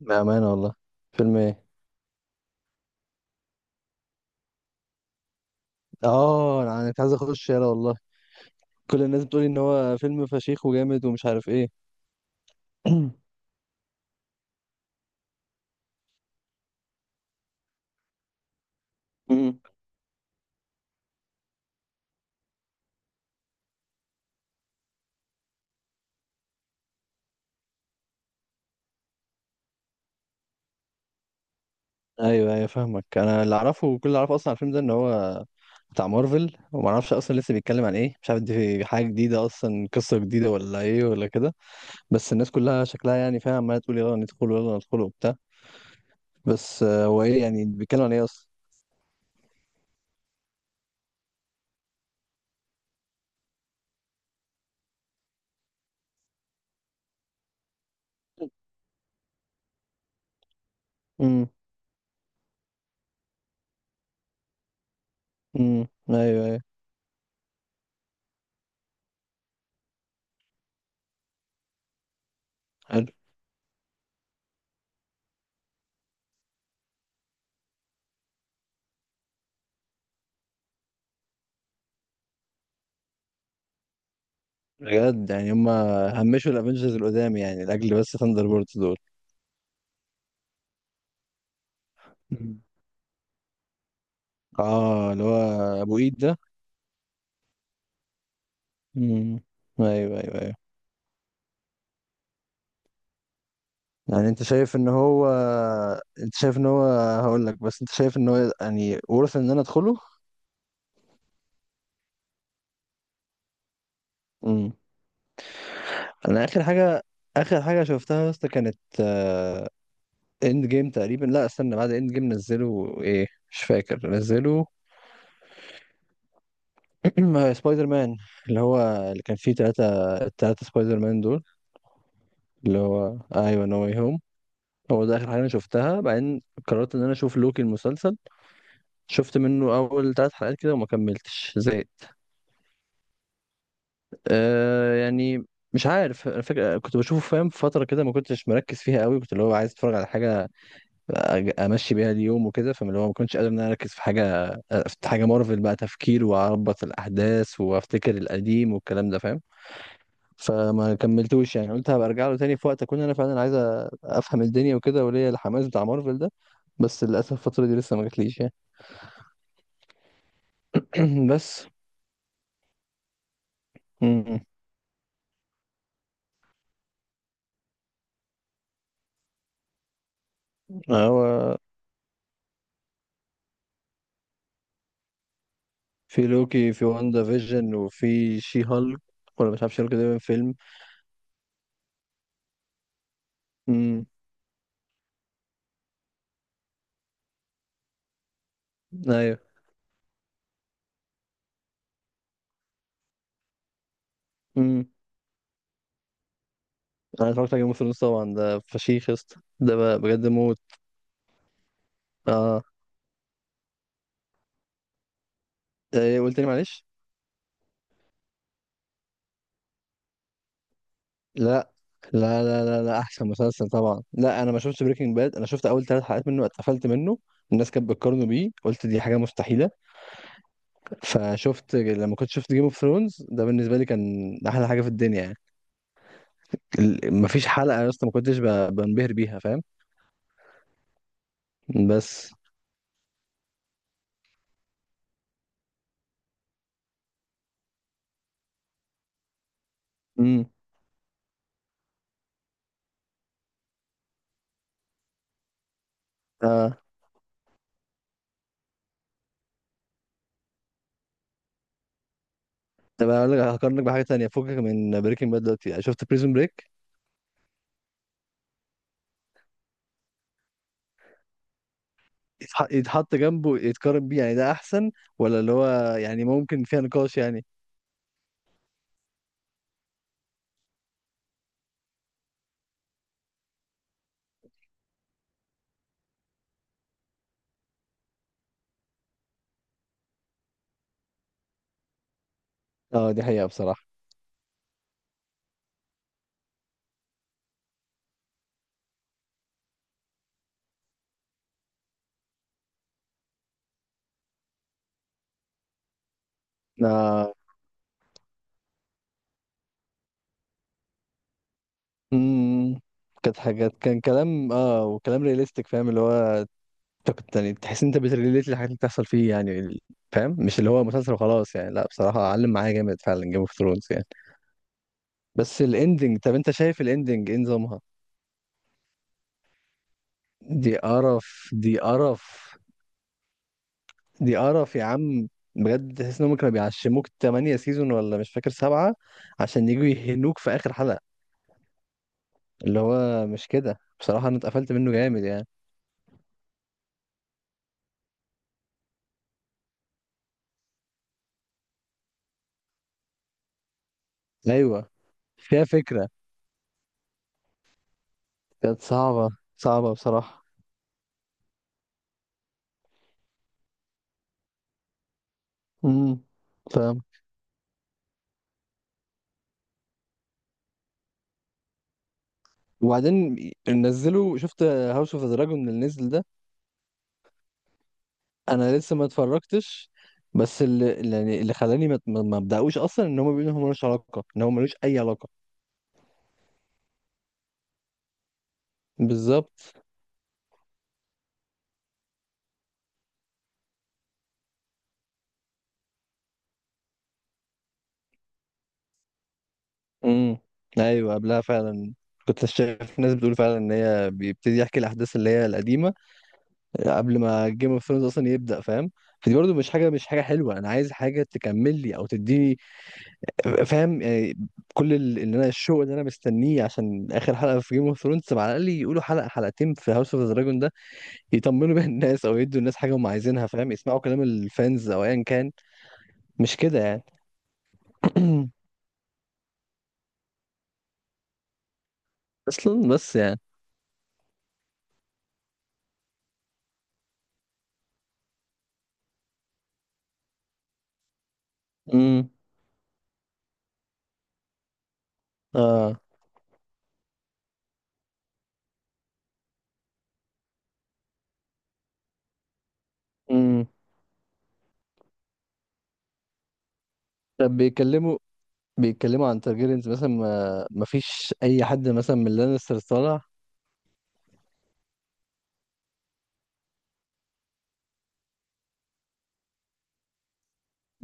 بأمانة والله. فيلم ايه؟ انا كنت عايز اخش، يلا والله. كل الناس بتقولي ان هو فيلم فشيخ وجامد ومش عارف ايه. مم. ايوه ايوه، فاهمك. انا اللي اعرفه، وكل اللي اعرفه اصلا عن الفيلم ده، ان هو بتاع مارفل، وما اعرفش اصلا لسه بيتكلم عن ايه. مش عارف دي حاجه جديده اصلا، قصه جديده، ولا ايه، ولا كده؟ بس الناس كلها شكلها، يعني فاهم، عماله تقول يلا ندخل، يلا ندخل، وبتاع. بس هو ايه يعني، بيتكلم عن ايه اصلا؟ امم. امم. ايوه ايوه، حلو. بجد يعني، هم همشوا الافنجرز القدام يعني، لاجل بس ثاندر بولت دول؟ مم. اه، اللي هو ابو ايد ده. مم. ايوه ايوه ايوه. يعني انت شايف ان هو انت شايف ان هو هقول لك، بس انت شايف ان هو يعني ورث ان انا ادخله؟ مم. انا اخر حاجه شفتها يا اسطى، كانت اند جيم تقريبا. لا، استنى، بعد اند جيم نزلوا ايه؟ مش فاكر. نزلوا سبايدر مان، اللي هو اللي كان فيه ثلاثة، الثلاثة سبايدر مان دول. اللي هو ايوه، نو واي هوم. هو ده اخر حاجه انا شفتها. بعدين قررت ان انا اشوف لوكي المسلسل. شفت منه اول 3 حلقات كده وما كملتش، زهقت. يعني، مش عارف الفكره، كنت بشوفه فاهم، في فتره كده ما كنتش مركز فيها قوي، كنت اللي هو عايز اتفرج على حاجه امشي بيها اليوم وكده، فاللي هو ما كنتش قادر ان انا اركز في حاجه، في حاجه مارفل بقى تفكير، واربط الاحداث، وافتكر القديم، والكلام ده فاهم. فما كملتوش يعني. قلت هبقى ارجع له تاني، في وقت اكون انا فعلا عايز افهم الدنيا وكده، وليا الحماس بتاع مارفل ده. بس للاسف الفتره دي لسه ما جاتليش يعني. بس م- م. هو في لوكي، في واندا فيجن، وفي شي هالك. ولا مش عارف شي هالك ده فيلم. امم. ايوه. امم. انا اتفرجت على جيم اوف ثرونز طبعا. ده فشيخ يا اسطى، ده بجد موت. اه. إيه قلت لي؟ معلش. لا لا لا لا لا، احسن مسلسل طبعا. لا، انا ما شفتش بريكنج باد. انا شفت اول 3 حلقات منه، اتقفلت منه. الناس كانت بتقارنه بيه، قلت دي حاجه مستحيله. فشفت لما كنت شفت جيم اوف ثرونز، ده بالنسبه لي كان احلى حاجه في الدنيا يعني. مفيش حلقه يا اسطى ما كنتش بنبهر بيها، فاهم. بس. امم، اه. طب انا هقول لك، هقارنك بحاجه تانية، فكك من بريكنج باد دلوقتي. يعني شفت بريزون بريك؟ يتحط جنبه، يتقارن بيه يعني، ده احسن؟ ولا اللي هو يعني ممكن فيها نقاش يعني؟ اه، دي حقيقه بصراحه. آه. امم. كانت حاجات، كان كلام وكلام رياليستيك، فاهم. اللي هو انت كنت يعني تحس إن انت بتريليت للحاجات اللي بتحصل فيه يعني. فاهم مش اللي هو مسلسل وخلاص يعني. لا بصراحة، علم معايا جامد فعلا جيم اوف ثرونز يعني. بس الاندنج، طب انت شايف الاندنج ايه نظامها؟ دي قرف، دي قرف. دي قرف يا عم. بجد تحس انهم كانوا بيعشموك 8 سيزون، ولا مش فاكر، 7، عشان يجوا يهنوك في اخر حلقة، اللي هو مش كده؟ بصراحة انا اتقفلت منه جامد يعني. ايوه. فيها فكرة. كانت صعبة، صعبة بصراحة. امم. فاهم. وبعدين نزلوا، شفت هاوس اوف دراجون اللي نزل ده؟ انا لسه ما اتفرجتش. بس يعني اللي خلاني ما ابداوش اصلا، ان هم بيقولوا ان هو ملوش علاقة، ان هو ملوش اي علاقة. بالظبط. امم. ايوه، قبلها فعلا. كنت شايف ناس بتقول فعلا ان هي بيبتدي يحكي الاحداث اللي هي القديمه قبل ما جيم اوف ثرونز اصلا يبدا، فاهم. فدي برضو مش حاجه حلوه. انا عايز حاجه تكمل لي او تديني، فاهم يعني. كل اللي انا الشوق اللي انا مستنيه، عشان اخر حلقه في جيم اوف ثرونز، على الاقل يقولوا حلقه حلقتين في هاوس اوف ذا دراجون ده، يطمنوا بيها الناس، او يدوا الناس حاجه هم عايزينها، فاهم. يسمعوا كلام الفانز، او ايا كان. مش كده يعني؟ اصلا، بس يعني. امم، اه. امم. طب بيتكلموا عن تارجيريانز مثلا، ما فيش اي حد مثلا من لانستر طالع؟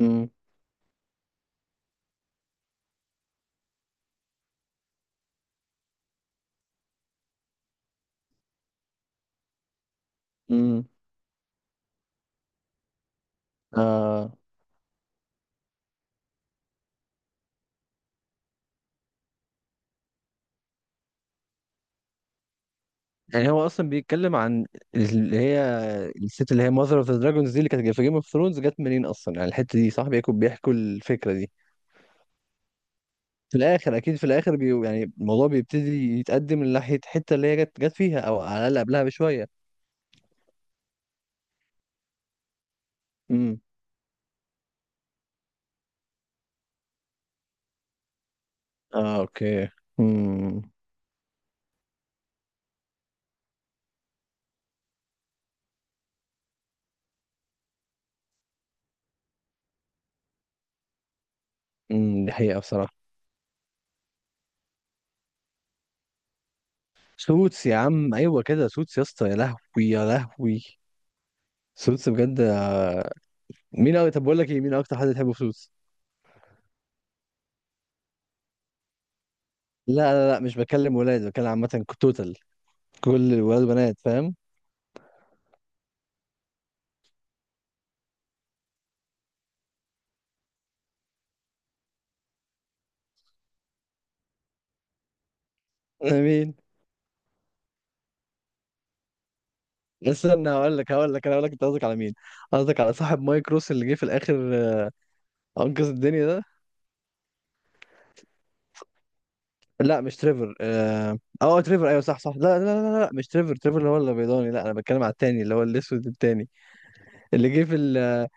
امم. امم. اه. يعني هو اصلا بيتكلم عن اللي هي الست، اللي هي ماذر اوف ذا دراجونز دي، اللي كانت في جيم اوف ثرونز جت منين اصلا يعني الحته دي؟ صاحبي يكون بيحكوا الفكره دي؟ في الاخر اكيد، في الاخر يعني الموضوع بيبتدي يتقدم لناحيه الحته اللي هي جت فيها، او على الاقل قبلها بشويه. امم، اه، اوكي. امم. امم. دي حقيقه بصراحه. سوتس يا عم، ايوه كده، سوتس يا اسطى، يا لهوي يا لهوي. سوتس بجد. طب بقول لك ايه، مين اكتر حد تحبه في سوتس؟ لا لا لا، مش بكلم ولاد، بكلم عامه توتال. كل الولاد وبنات، فاهم. على مين؟ استنى، هقول لك هقول لك انا هقول لك انت قصدك على مين. قصدك على صاحب مايك روس اللي جه في الاخر، انقذ الدنيا ده؟ لا مش تريفر. تريفر، ايوه صح صح. لا لا لا لا لا، مش تريفر. تريفر اللي هو الابيضاني، لا. انا بتكلم على التاني، اللي هو الاسود التاني، اللي جه في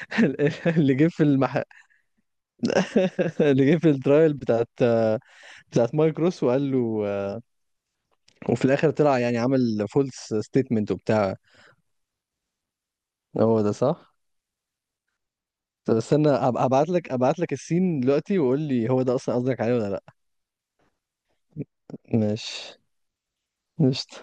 اللي جه في اللي جه في الترايل بتاعت، بتاعت مايك روس، وقال له، وفي الاخر طلع يعني عمل فولس ستيتمنت وبتاع. هو ده صح؟ طب استنى، ابعت لك السين دلوقتي، وقول لي هو ده اصلا قصدك عليه ولا لا. ماشي قشطة